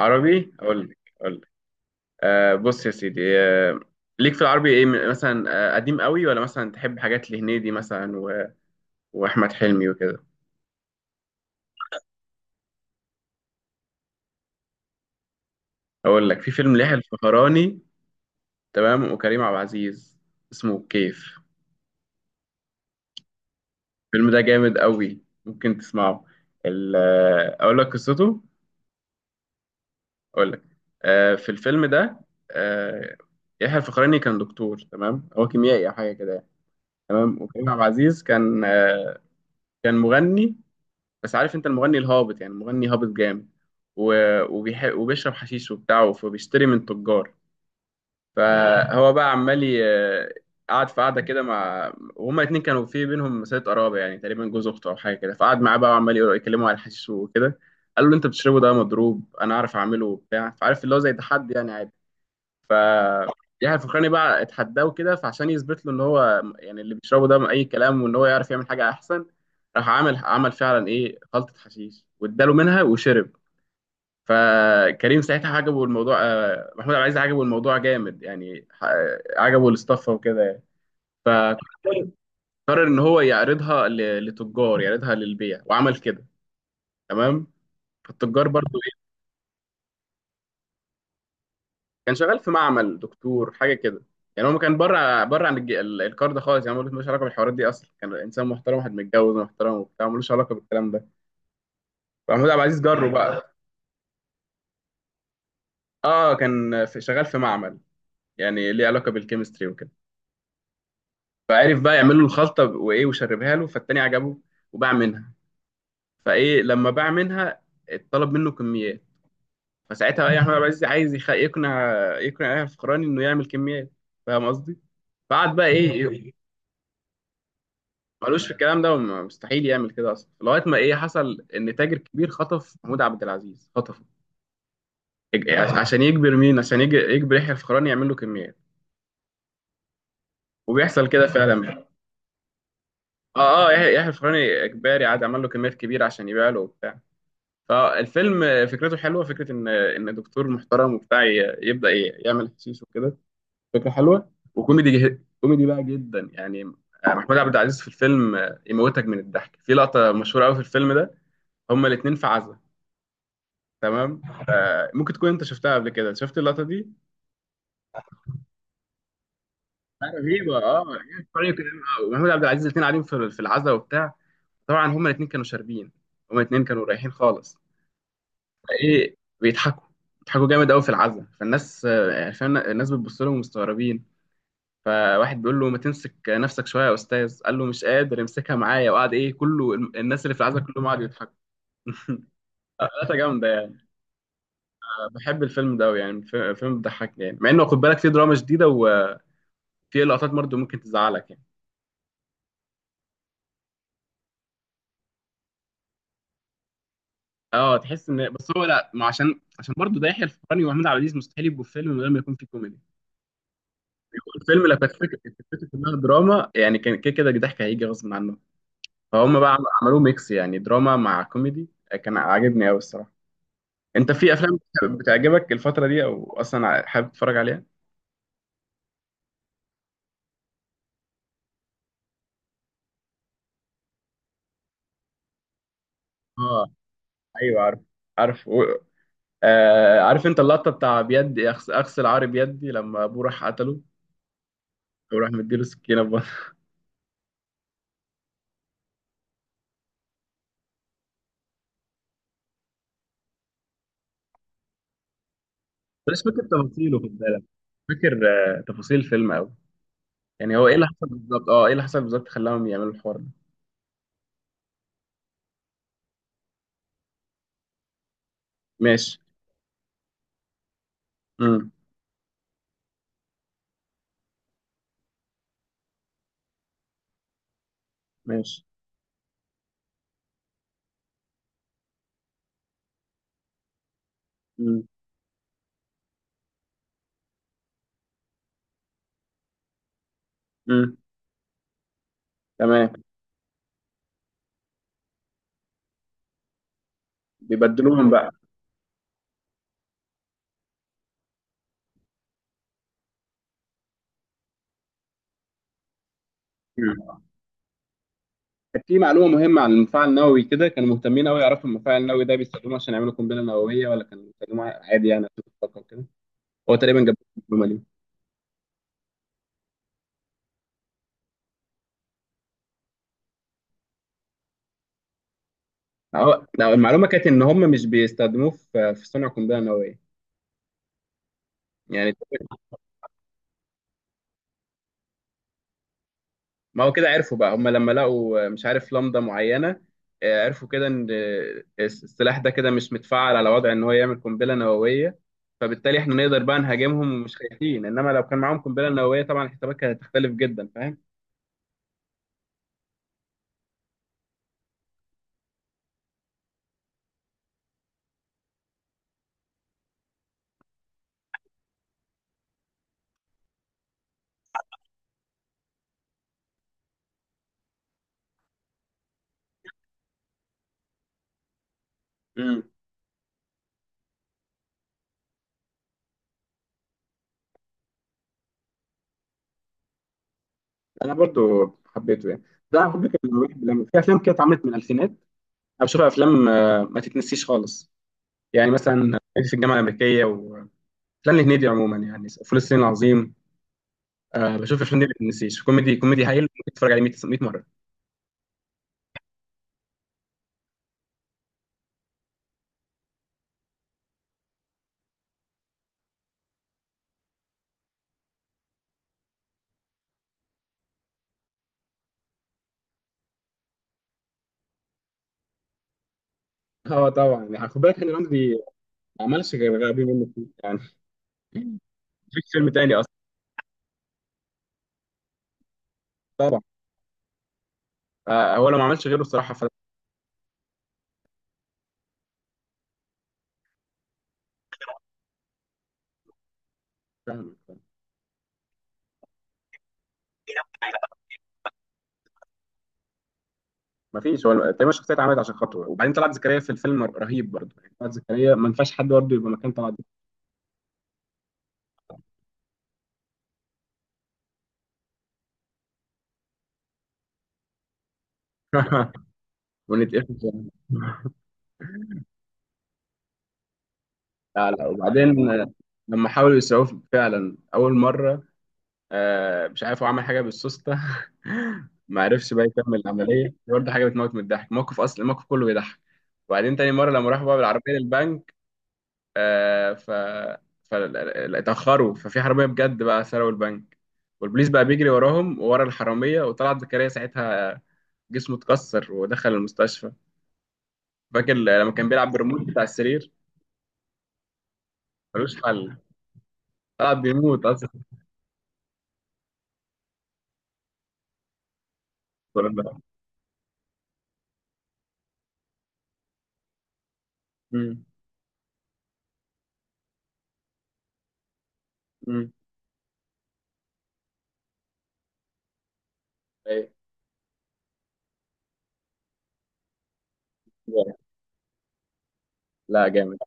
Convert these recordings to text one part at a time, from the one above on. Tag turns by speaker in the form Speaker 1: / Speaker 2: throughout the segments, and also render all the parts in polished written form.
Speaker 1: عربي، اقول لك. بص يا سيدي. ليك في العربي ايه، مثلا قديم قوي؟ ولا مثلا تحب حاجات لهنيدي مثلا واحمد حلمي وكده؟ اقول لك في فيلم ليحيى الفخراني، تمام، وكريم عبد العزيز. اسمه الكيف. الفيلم ده جامد قوي، ممكن تسمعه. ال... آه، اقول لك قصته. اقول لك. في الفيلم ده، آه يحيى الفخراني كان دكتور، تمام، هو كيميائي او حاجه كده يعني. تمام. وكريم عبد العزيز كان، كان مغني. بس عارف انت المغني الهابط؟ يعني مغني هابط جامد. و... وبيشرب حشيش وبتاعه، فبيشتري من تجار. فهو بقى عمال قعد في قعده كده مع، وهما الاتنين كانوا في بينهم مسألة قرابه، يعني تقريبا جوز اخته او حاجه كده. فقعد معاه بقى وعمال يكلمه على الحشيش وكده. قال له انت بتشربه ده مضروب، انا عارف اعمله وبتاع، فعارف اللي هو زي تحدي يعني عادي. ف يحيى الفخراني بقى اتحداه كده، فعشان يثبت له ان هو، يعني، اللي بيشربه ده اي كلام، وان هو يعرف يعمل حاجه احسن. راح عامل، عمل فعلا ايه، خلطه حشيش، واداله منها وشرب. فكريم ساعتها عجبه الموضوع، محمود عبد العزيز عجبه الموضوع جامد يعني، عجبه الاستفه وكده يعني. فقرر ان هو يعرضها لتجار، يعرضها للبيع، وعمل كده، تمام. فالتجار برضو كان شغال في معمل دكتور حاجه كده، يعني هو ما كان بره بره عن الكار ده خالص، يعني هو ملوش علاقه بالحوارات دي اصلا. كان انسان محترم، واحد متجوز ومحترم وبتاع، ملوش علاقه بالكلام ده. فمحمود عبد العزيز جره بقى. اه، كان في، شغال في معمل، يعني ليه علاقه بالكيمستري وكده. فعرف بقى يعمل له الخلطه، وايه، وشربها له، فالتاني عجبه وباع منها. فايه، لما باع منها اتطلب منه كميات. فساعتها بقى احمد عبد العزيز عايز يقنع يحيى الفخراني انه يعمل كميات. فاهم قصدي؟ فقعد بقى ايه، ملوش في الكلام ده، وم- مستحيل يعمل كده اصلا، لغايه ما ايه حصل، ان تاجر كبير خطف محمود عبد العزيز، خطفه عشان يجبر مين، يجبر يحيى الفخراني يعمل له كميات. وبيحصل كده فعلا. اه اه، يحيى الفخراني اجباري عاد عمل له كميات كبيره عشان يبيع له وبتاع. فالفيلم فكرته حلوه، فكره ان دكتور محترم وبتاع يعمل حشيش وكده. فكره حلوه، وكوميدي كوميدي بقى جدا يعني. محمود عبد العزيز في الفيلم يموتك من الضحك في لقطه مشهوره قوي في الفيلم ده. هما الاثنين في عزا، تمام. ممكن تكون انت شفتها قبل كده، شفت اللقطه دي. رهيبه، اه، يعني فعلا كده، ومحمود عبد العزيز الاثنين قاعدين في العزاء وبتاع. طبعا هما الاثنين كانوا شاربين، هما الاثنين كانوا رايحين خالص. ايه، بيضحكوا، بيضحكوا جامد قوي في العزاء. فالناس، يعني فاهم، الناس بتبص لهم مستغربين. فواحد بيقول له ما تمسك نفسك شويه يا استاذ، قال له مش قادر امسكها معايا. وقعد ايه كله، الناس اللي في العزاء كلهم قعدوا يضحكوا. ثلاثه جامده يعني. بحب الفيلم ده أوي يعني، فيلم بيضحك يعني، مع انه خد بالك فيه دراما شديده، في لقطات برضه ممكن تزعلك يعني. اه، تحس ان، بس هو لا، ما عشان، برضه ده يحيى الفخراني ومحمود عبد العزيز، مستحيل يبقوا في فيلم من غير ما يكون في كوميدي. الفيلم لو كانت فكره، كانت فكرة كلها دراما يعني، كان كده كده الضحك هيجي غصب عنه. فهم بقى عملوه ميكس يعني، دراما مع كوميدي، كان عاجبني قوي الصراحه. انت في افلام بتعجبك الفتره دي، او اصلا حابب تتفرج عليها؟ اه، ايوه عارف، عارف. و... آه عارف انت اللقطه بتاع بيدي، اغسل عاري بيدي، لما ابوه راح قتله وراح مديله سكينه في بطنه. مش فاكر تفاصيله، فاكر تفاصيل الفيلم قوي. يعني هو ايه اللي حصل بالظبط، اه ايه اللي حصل بالظبط خلاهم يعملوا الحوار ده؟ ماشي. امم. ماشي. امم. امم. تمام. بيبدلوهم بقى. مم. كانت في معلومه مهمه عن المفاعل النووي كده، كانوا مهتمين قوي يعرفوا المفاعل النووي ده بيستخدموه عشان يعملوا قنبله نوويه، ولا كانوا بيستخدموه عادي يعني عشان الطاقه وكده. هو تقريبا جاب المعلومه دي. لا، المعلومه كانت ان هم مش بيستخدموه في صنع قنبله نوويه يعني. ما هو كده عرفوا بقى، هم لما لقوا، مش عارف، لمضة معينة عرفوا كده ان السلاح ده كده مش متفعل على وضع ان هو يعمل قنبلة نووية. فبالتالي احنا نقدر بقى نهاجمهم ومش خايفين، انما لو كان معاهم قنبلة نووية طبعا الحسابات كانت هتختلف جدا، فاهم. امم. انا برضو حبيته يعني. ده على فكره في افلام كده اتعملت من الالفينات، انا بشوف افلام ما تتنسيش خالص، يعني مثلا صعيدي في الجامعه الامريكيه، وافلام الهنيدي عموما، يعني فول الصين العظيم. بشوف الافلام دي ما تتنسيش، كوميدي، كوميدي هايل، ممكن تتفرج عليه 100 مره. اه طبعا يعني خد بالك، هاني رمزي ما عملش غير غبي منه فيه يعني، مفيش فيلم تاني اصلا. طبعا. آه، هو لو ما عملش غيره، الصراحه فلا. فاهم. مفيش، هو تقريبا الشخصيه اتعملت عشان خاطره. وبعدين طلعت زكريا في الفيلم رهيب برضه يعني، طلعت زكريا ما ينفعش حد برضه يبقى مكان طلعت زكريا. ونتقفل. لا لا، وبعدين لما حاولوا يسعوه فعلا اول مره، مش عارف هو عمل حاجه بالسوسته، ما عرفش بقى يكمل العمليه برضه، حاجه بتموت من الضحك، موقف اصلا الموقف كله بيضحك. وبعدين تاني مره لما راحوا بقى بالعربيه للبنك، آه ف ف اتاخروا، ففي حراميه بجد بقى سرقوا البنك، والبوليس بقى بيجري وراهم وورا الحراميه، وطلعت زكريا ساعتها جسمه اتكسر ودخل المستشفى. فاكر لما كان بيلعب بالريموت بتاع السرير، ملوش حل، طلع بيموت اصلا. ولا لا؟ مم. مم. أيوة. لا جامد.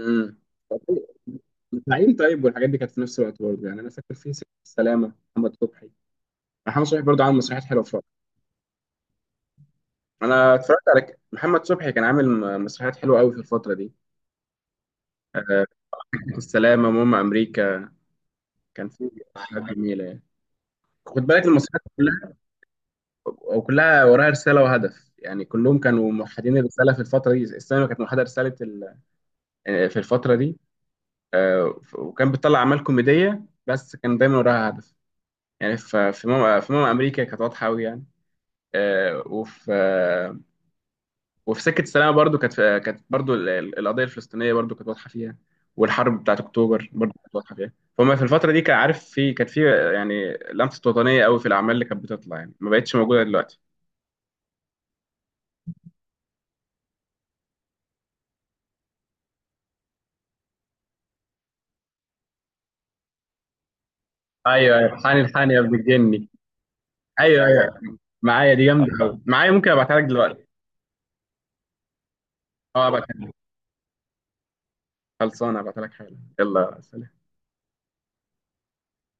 Speaker 1: امم. الزعيم، طيب، والحاجات دي كانت في نفس الوقت برضه يعني. انا فاكر في سكه السلامه، محمد صبحي، محمد صبحي برضه عامل مسرحيات حلوه في الفتره. انا اتفرجت على محمد صبحي، كان عامل مسرحيات حلوه قوي في الفتره دي. آه، سكه السلامه، ماما امريكا، كان في حاجات جميله يعني. خد بالك المسرحيات كلها، او كلها وراها رساله وهدف، يعني كلهم كانوا موحدين الرساله في الفتره دي. السينما كانت موحده رساله ال... آه، في الفتره دي، وكان بتطلع اعمال كوميديه، بس كان دايما وراها هدف. يعني في ماما امريكا كانت واضحه قوي يعني، آه، وفي آه، وفي سكه السلام برضو كانت برضو القضيه الفلسطينيه برضو كانت واضحه فيها، والحرب بتاعت اكتوبر برضو كانت واضحه فيها. فما في الفتره دي كان، عارف، في، كانت في يعني لمسه وطنيه قوي في الاعمال اللي كانت بتطلع يعني، ما بقتش موجوده دلوقتي. ايوه ايوه، حاني الحاني يا ابن الجني. ايوه ايوه، معايا دي جامده قوي، معايا، ممكن ابعتها لك دلوقتي. اه ابعتها لك. خلصانه ابعتها لك حالا. يلا سلام.